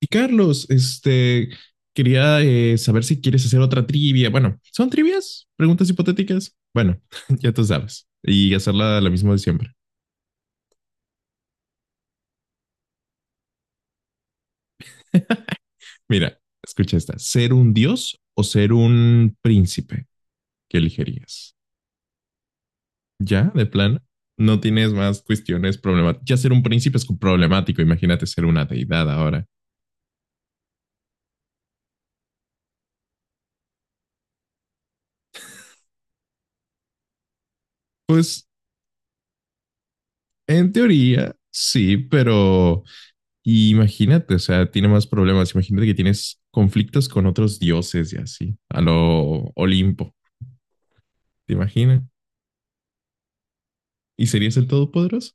Y Carlos, quería saber si quieres hacer otra trivia. Bueno, ¿son trivias? ¿Preguntas hipotéticas? Bueno, ya tú sabes. Y hacerla lo mismo de siempre. Mira, escucha esta. ¿Ser un dios o ser un príncipe? ¿Qué elegirías? ¿Ya? ¿De plano? No tienes más cuestiones problemáticas. Ya ser un príncipe es problemático. Imagínate ser una deidad ahora. Pues, en teoría, sí, pero y imagínate, o sea, tiene más problemas. Imagínate que tienes conflictos con otros dioses y así, a lo Olimpo, ¿te imaginas? ¿Y serías el todopoderoso?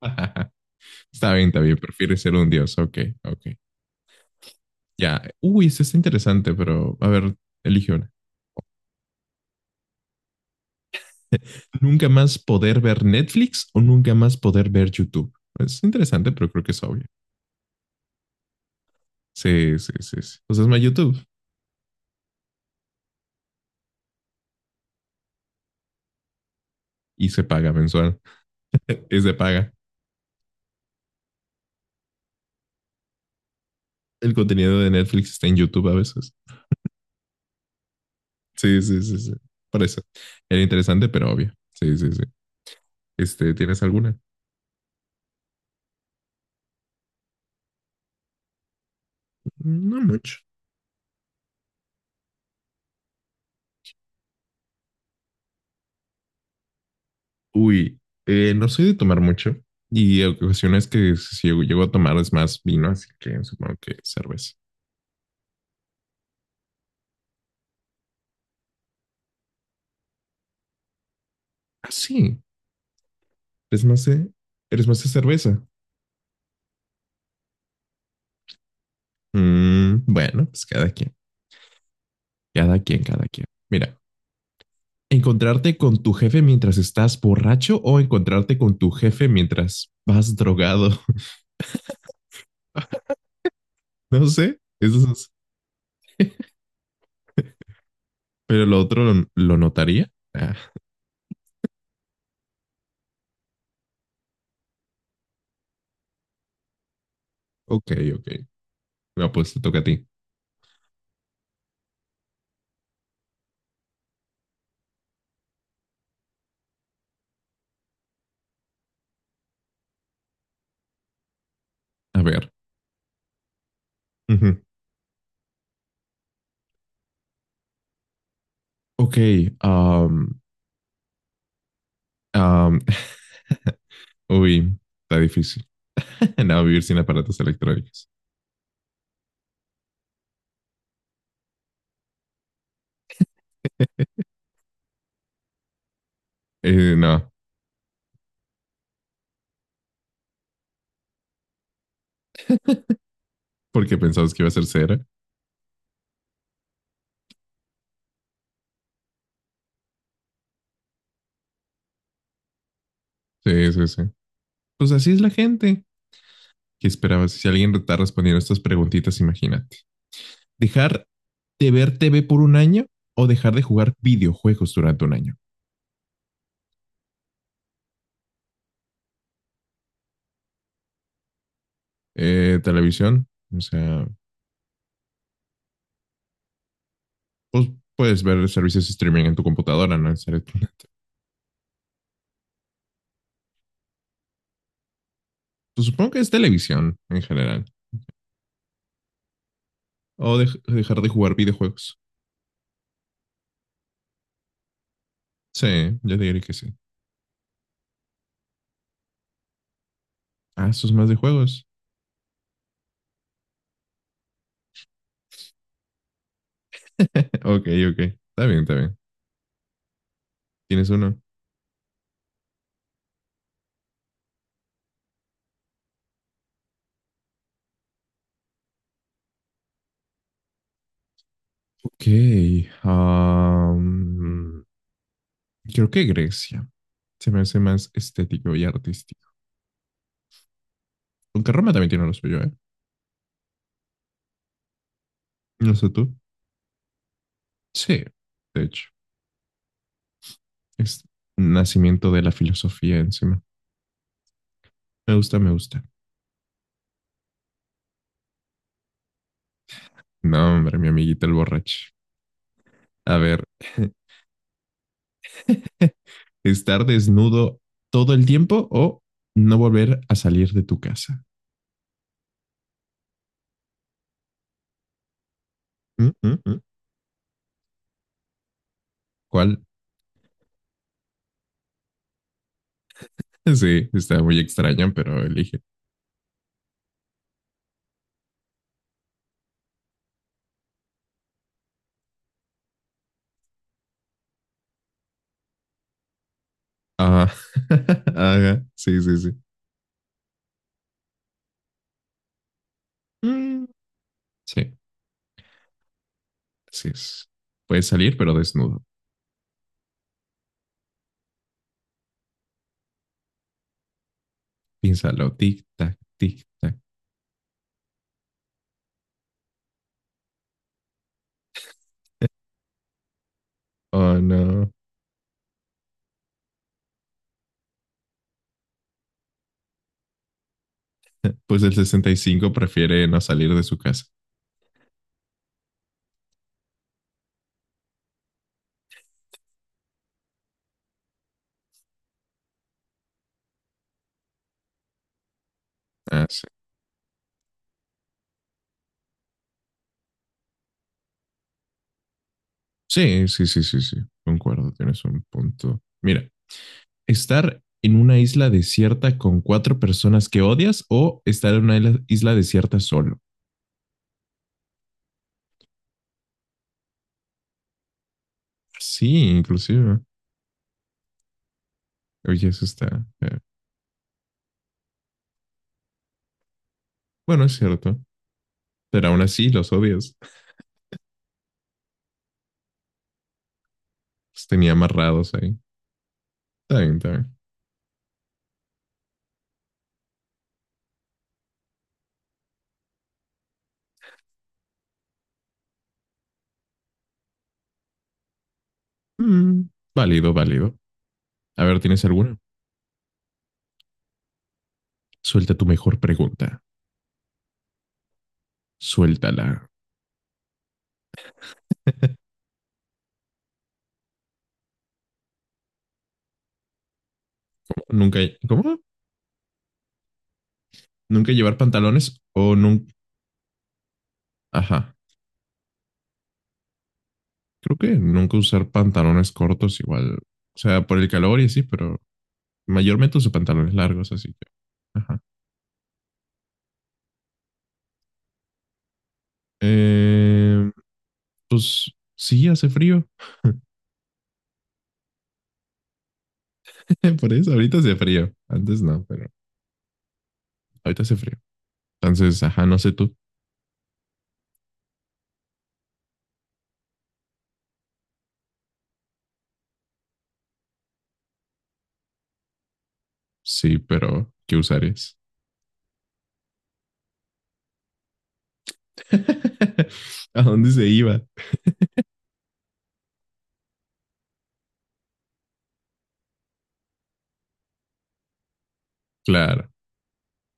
Está bien, prefieres ser un dios. Ok, ok. Ya. Uy, esto está interesante, pero a ver, elige una. ¿Nunca más poder ver Netflix o nunca más poder ver YouTube? Es interesante, pero creo que es obvio. Sí, sí, sí, sí. Pues es más YouTube y se paga mensual. Es de paga. El contenido de Netflix está en YouTube a veces. Sí, sí, sí, sí. Por eso. Era interesante, pero obvio. Sí, sí, sí. ¿Tienes alguna? No mucho. Uy, no soy de tomar mucho. Y ocasiones que si llego, llego a tomar es más vino, así que supongo que cerveza. Ah, sí. Es más eres más de cerveza. Mm, bueno, pues cada quien, cada quien, cada quien. Mira, encontrarte con tu jefe mientras estás borracho o encontrarte con tu jefe mientras vas drogado. No sé, eso es, pero lo otro lo notaría. Ah, ok, ok. No, pues te toca a ti. A ver. Ujú. Ok. um, um, uy, está difícil. No, vivir sin aparatos electrónicos. No, porque pensabas que iba a ser cera. Sí, sí, sí. Pues así es la gente. ¿Qué esperabas? Si alguien está respondiendo estas preguntitas, imagínate. ¿Dejar de ver TV por 1 año o dejar de jugar videojuegos durante 1 año? Televisión, o sea, pues puedes ver servicios de streaming en tu computadora, no necesariamente. Pues supongo que es televisión en general. Dejar de jugar videojuegos. Sí, yo diría que sí. Ah, eso es más de juegos. Ok, ok. Está bien, está bien. ¿Tienes uno? Ok. am, Creo que Grecia. Se me hace más estético y artístico. Aunque Roma también tiene lo suyo, ¿eh? No sé tú. Sí, de hecho. Es nacimiento de la filosofía encima. Me gusta, me gusta. No, hombre, mi amiguita el borracho. A ver, estar desnudo todo el tiempo o no volver a salir de tu casa. Mm, mm, mm. ¿Cuál? Sí, está muy extraño, pero elige. Ajá. Ajá. Sí, sí, sí. Mm, sí, así es. Puedes salir, pero desnudo. Piénsalo. Tic, tac, tic, tac. Oh, no. Pues el 65 prefiere no salir de su casa. Ah, sí. Sí, sí, sí, sí, sí. Concuerdo, tienes un punto. Mira, estar en una isla desierta con 4 personas que odias o estar en una isla, desierta solo. Sí, inclusive. Oye, eso está. Bueno, es cierto. Pero aún así los odias. Los tenía amarrados ahí. Está bien, está bien. Mm, válido, válido. A ver, ¿tienes alguna? Suelta tu mejor pregunta. Suéltala. Nunca. ¿Cómo? Nunca llevar pantalones o nunca. Ajá. Creo que nunca usar pantalones cortos igual. O sea, por el calor y así, pero mayormente uso pantalones largos, así que. Ajá. Eh, pues sí, hace frío. Por eso, ahorita hace frío. Antes no, pero ahorita hace frío. Entonces, ajá, no sé tú. Sí, pero ¿qué usarías? ¿A dónde se iba? Claro.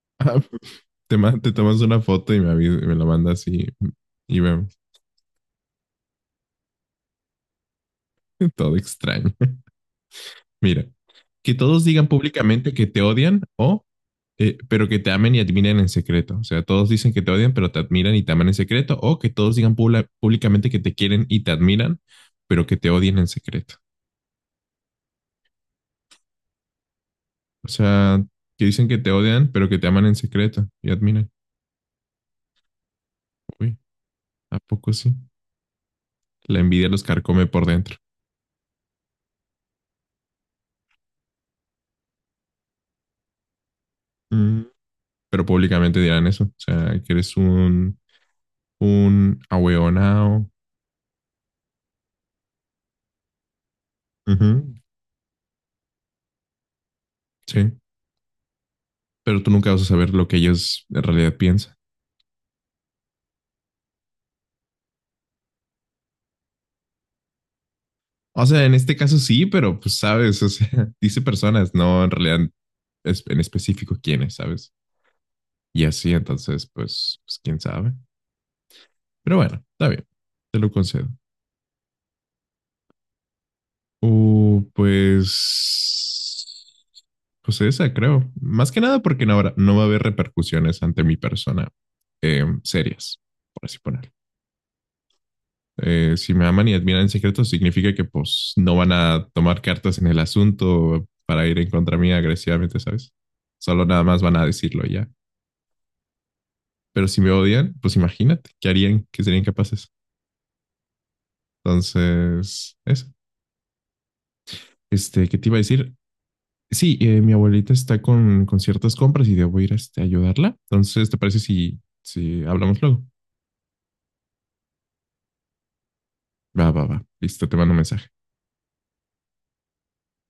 Ah, te tomas una foto y me la mandas y vemos. Todo extraño. Mira, que todos digan públicamente que te odian o, pero que te amen y admiren en secreto. O sea, todos dicen que te odian, pero te admiran y te aman en secreto. O que todos digan públicamente que te quieren y te admiran, pero que te odian en secreto. O sea, que dicen que te odian, pero que te aman en secreto y admiran. Uy, ¿a poco sí? La envidia los carcome por dentro. Mm, pero públicamente dirán eso. O sea, que eres un ahueonao. Ujú, sí. Pero tú nunca vas a saber lo que ellos en realidad piensan. O sea, en este caso sí, pero pues sabes, o sea, dice personas, no en realidad en específico quiénes, ¿sabes? Y así, entonces, pues, pues quién sabe. Pero bueno, está bien, te lo concedo. Pues, pues esa creo. Más que nada porque no, no va a haber repercusiones ante mi persona serias, por así ponerlo. Si me aman y admiran en secreto, significa que pues no van a tomar cartas en el asunto para ir en contra mía agresivamente, ¿sabes? Solo nada más van a decirlo y ya. Pero si me odian, pues imagínate, ¿qué harían? ¿Qué serían capaces? Entonces, eso. Este, ¿qué te iba a decir? Sí, mi abuelita está con ciertas compras y debo ir este, a ayudarla. Entonces, ¿te parece si hablamos luego? Va, va, va. Listo, te mando un mensaje.